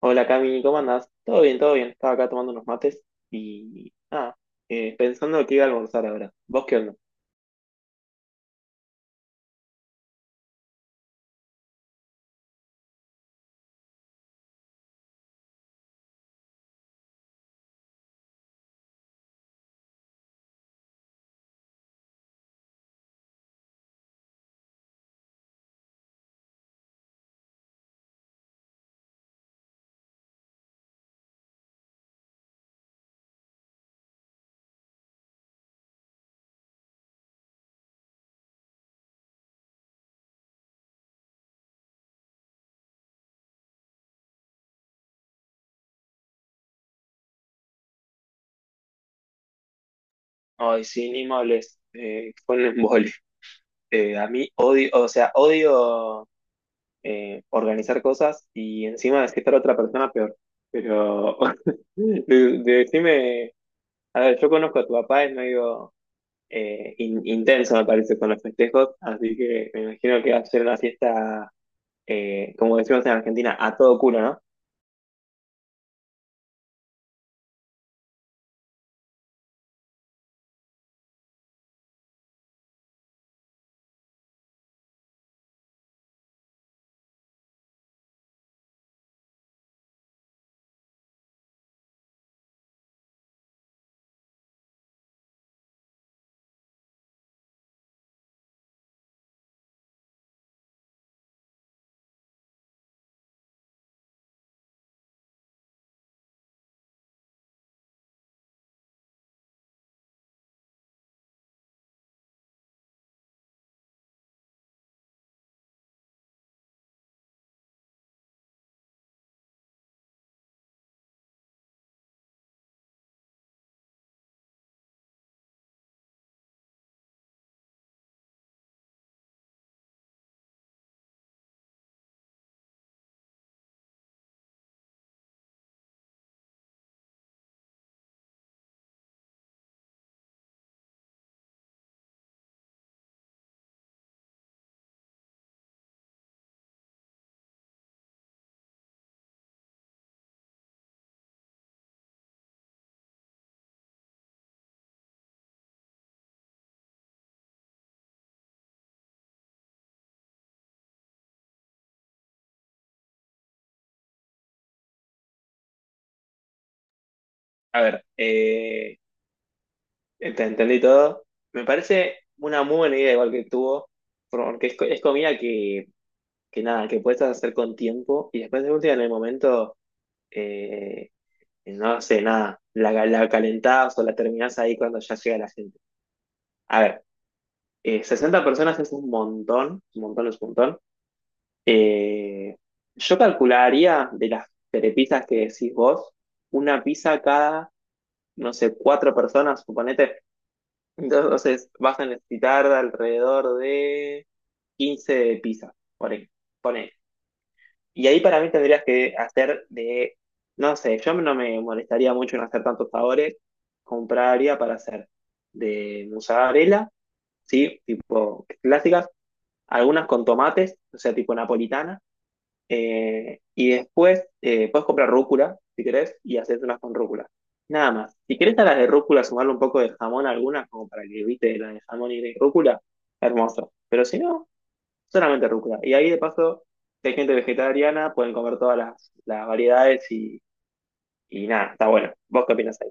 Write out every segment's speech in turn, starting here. Hola Cami, ¿cómo andás? Todo bien, todo bien. Estaba acá tomando unos mates y nada, pensando que iba a almorzar ahora. ¿Vos qué onda? Ay, sí, ni me hables. Fue un embole. A mí odio, o sea, odio organizar cosas y encima desquitar a otra persona peor. Pero decime, a ver, yo conozco a tu papá, es medio intenso, me parece, con los festejos, así que me imagino que va a ser una fiesta, como decimos en Argentina, a todo culo, ¿no? A ver, entendí todo. Me parece una muy buena idea igual que tuvo, porque es comida que nada, que puedes hacer con tiempo y después de última en el momento, eh, no sé, nada, la calentás o la terminás ahí cuando ya llega la gente. A ver, 60 personas es un montón es un montón. Eh, yo calcularía de las telepizzas que decís vos, una pizza cada, no sé, cuatro personas, suponete. Entonces vas a necesitar alrededor de 15 pizzas, por ahí, ponele. Y ahí para mí tendrías que hacer de, no sé, yo no me molestaría mucho en hacer tantos sabores, compraría para hacer de mozzarella, ¿sí? Tipo clásicas, algunas con tomates, o sea, tipo napolitana y después puedes comprar rúcula, si querés, y hacerte unas con rúcula. Nada más. Si querés a las de rúcula sumarle un poco de jamón a algunas, como para que evite la de jamón y de rúcula, hermoso. Pero si no, solamente rúcula. Y ahí de paso, si hay gente vegetariana, pueden comer todas las variedades y nada, está bueno. ¿Vos qué opinas ahí?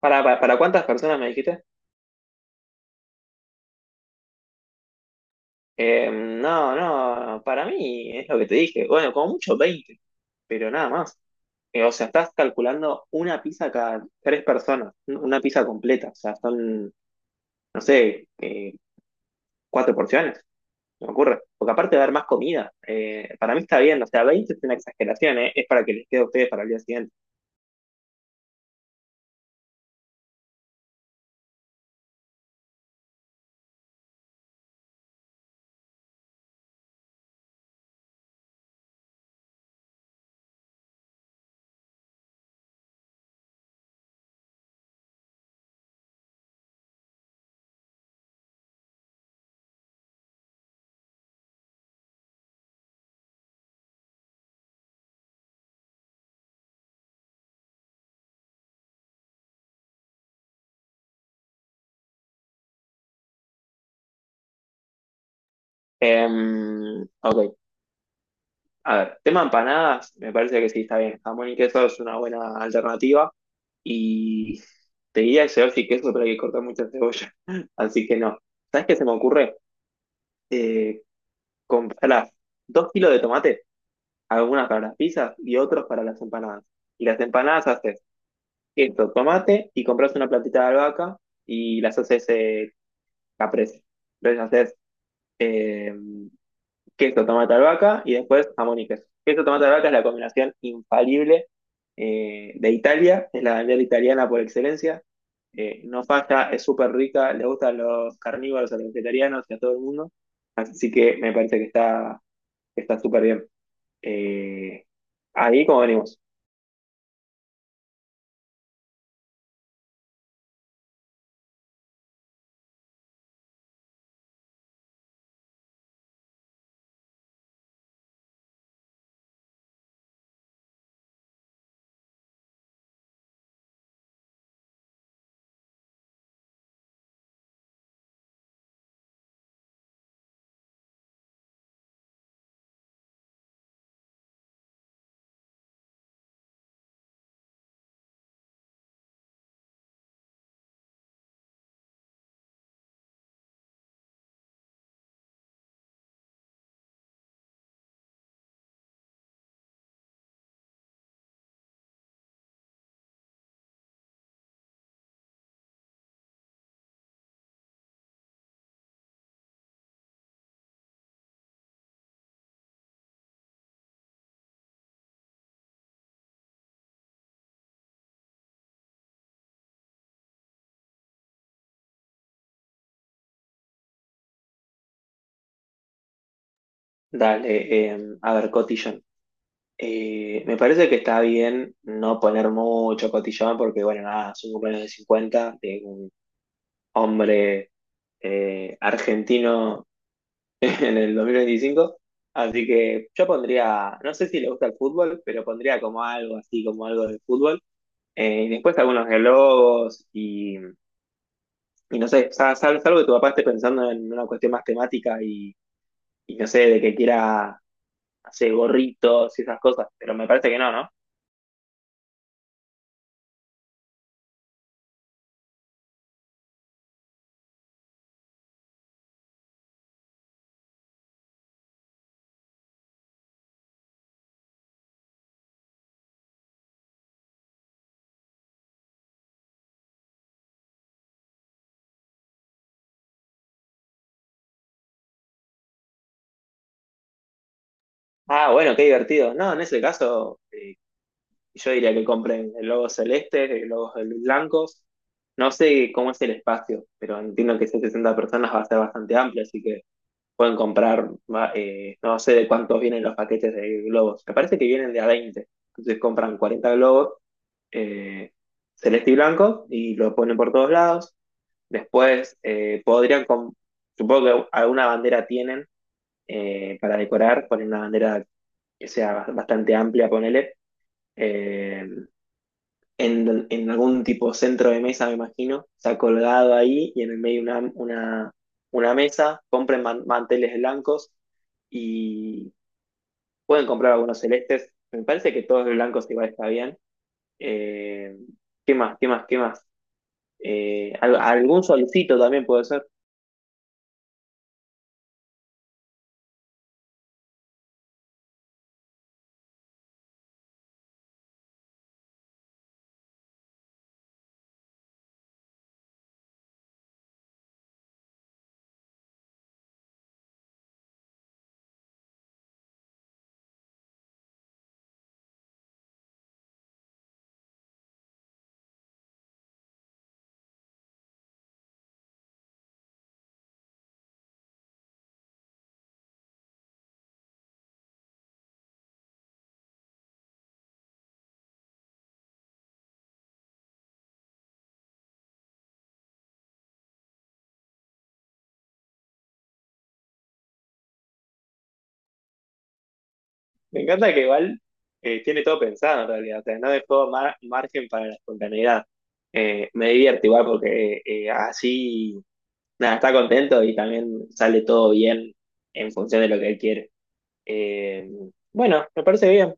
¿Para cuántas personas me dijiste? No, no, para mí es lo que te dije. Bueno, como mucho 20 pero nada más. O sea, estás calculando una pizza cada tres personas, una pizza completa. O sea, son, no sé, cuatro porciones, me ocurre. Porque aparte de haber más comida, para mí está bien. O sea, 20 es una exageración, es para que les quede a ustedes para el día siguiente. Ok, a ver, tema empanadas, me parece que sí está bien. Jamón y queso es una buena alternativa. Y te diría que cebolla y queso, pero hay que cortar mucha cebolla. Así que no. ¿Sabes qué se me ocurre? Eh, comprar 2 kilos de tomate algunas para las pizzas y otros para las empanadas. Y las empanadas haces esto, tomate y compras una platita de albahaca y las haces caprese. Entonces haces eh, queso, tomate, albahaca y después jamón y queso. Queso, tomate, albahaca es la combinación infalible de Italia, es la bandera italiana por excelencia. No falla, es súper rica, le gustan los carnívoros, a los vegetarianos y a todo el mundo. Así que me parece que está súper bien. Eh, ahí como venimos. Dale, a ver, cotillón. Me parece que está bien no poner mucho cotillón porque, bueno, nada, es un cumpleaños de 50 de un hombre argentino en el 2025. Así que yo pondría, no sé si le gusta el fútbol, pero pondría como algo así, como algo de fútbol. Y después algunos globos y no sé, salvo que tu papá esté pensando en una cuestión más temática y no sé, de que quiera hace gorritos y esas cosas, pero me parece que no, ¿no? Ah, bueno, qué divertido. No, en ese caso, yo diría que compren el logo celeste, el logo de los blancos. No sé cómo es el espacio, pero entiendo que esas 60 personas va a ser bastante amplio, así que pueden comprar, va, no sé de cuántos vienen los paquetes de globos. Me parece que vienen de a 20 entonces compran 40 globos eh, celeste y blanco y lo ponen por todos lados. Después podrían, supongo que alguna bandera tienen, para decorar, poner una bandera que sea bastante amplia, ponele. eh, en algún tipo centro de mesa, me imagino, se ha colgado ahí y en el medio una, mesa, compren manteles blancos y pueden comprar algunos celestes. Me parece que todos los blancos igual está bien. Eh, ¿qué más? ¿Qué más? ¿Qué más? Algún solcito también puede ser. Me encanta que igual tiene todo pensado en realidad, o sea, no dejó margen para la espontaneidad. Me divierte igual porque así, nada, está contento y también sale todo bien en función de lo que él quiere. Eh, bueno, me parece bien.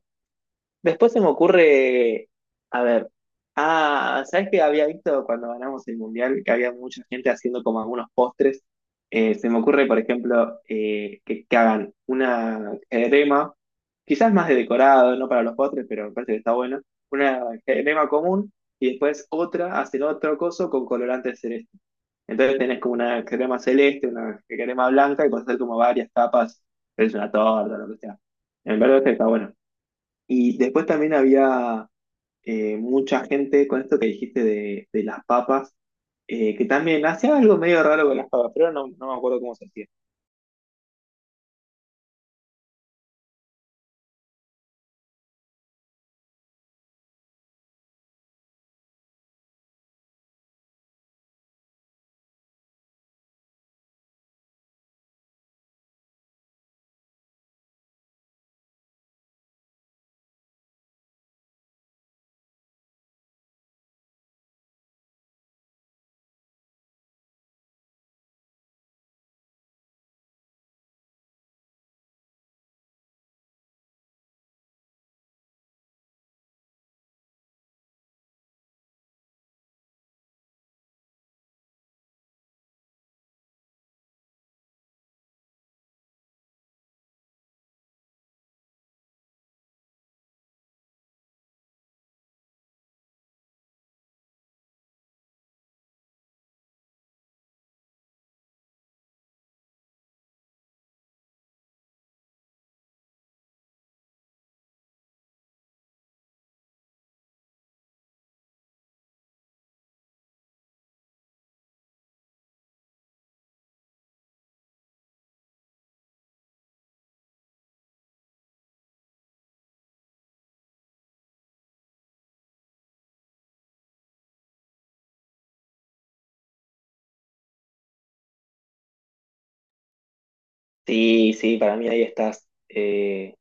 Después se me ocurre, a ver, ah, ¿sabes qué había visto cuando ganamos el mundial? Que había mucha gente haciendo como algunos postres. Se me ocurre, por ejemplo, que hagan una crema, quizás más de decorado, no para los postres, pero me parece que está bueno. Una crema común y después otra, hacen otro coso con colorante celeste. Entonces tenés como una crema celeste, una crema blanca y puedes hacer como varias capas, es una torta, lo que sea. Me parece que está bueno. Y después también había mucha gente con esto que dijiste de las papas, que también hacía algo medio raro con las papas, pero no, no me acuerdo cómo se hacía. Sí, sí, para mí ahí estás. Eh,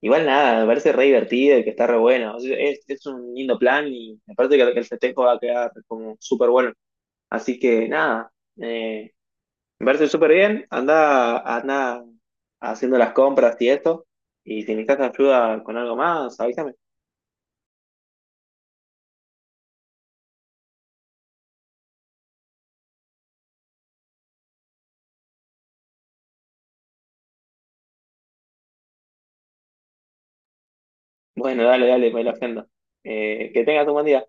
igual nada, me parece re divertido y que está re bueno. Es un lindo plan y me parece que el festejo va a quedar como súper bueno. Así que nada, eh, me parece súper bien. Anda, anda haciendo las compras y esto. Y si necesitas ayuda con algo más, avísame. Bueno, dale, dale, me lo agenda. Que tengas un buen día.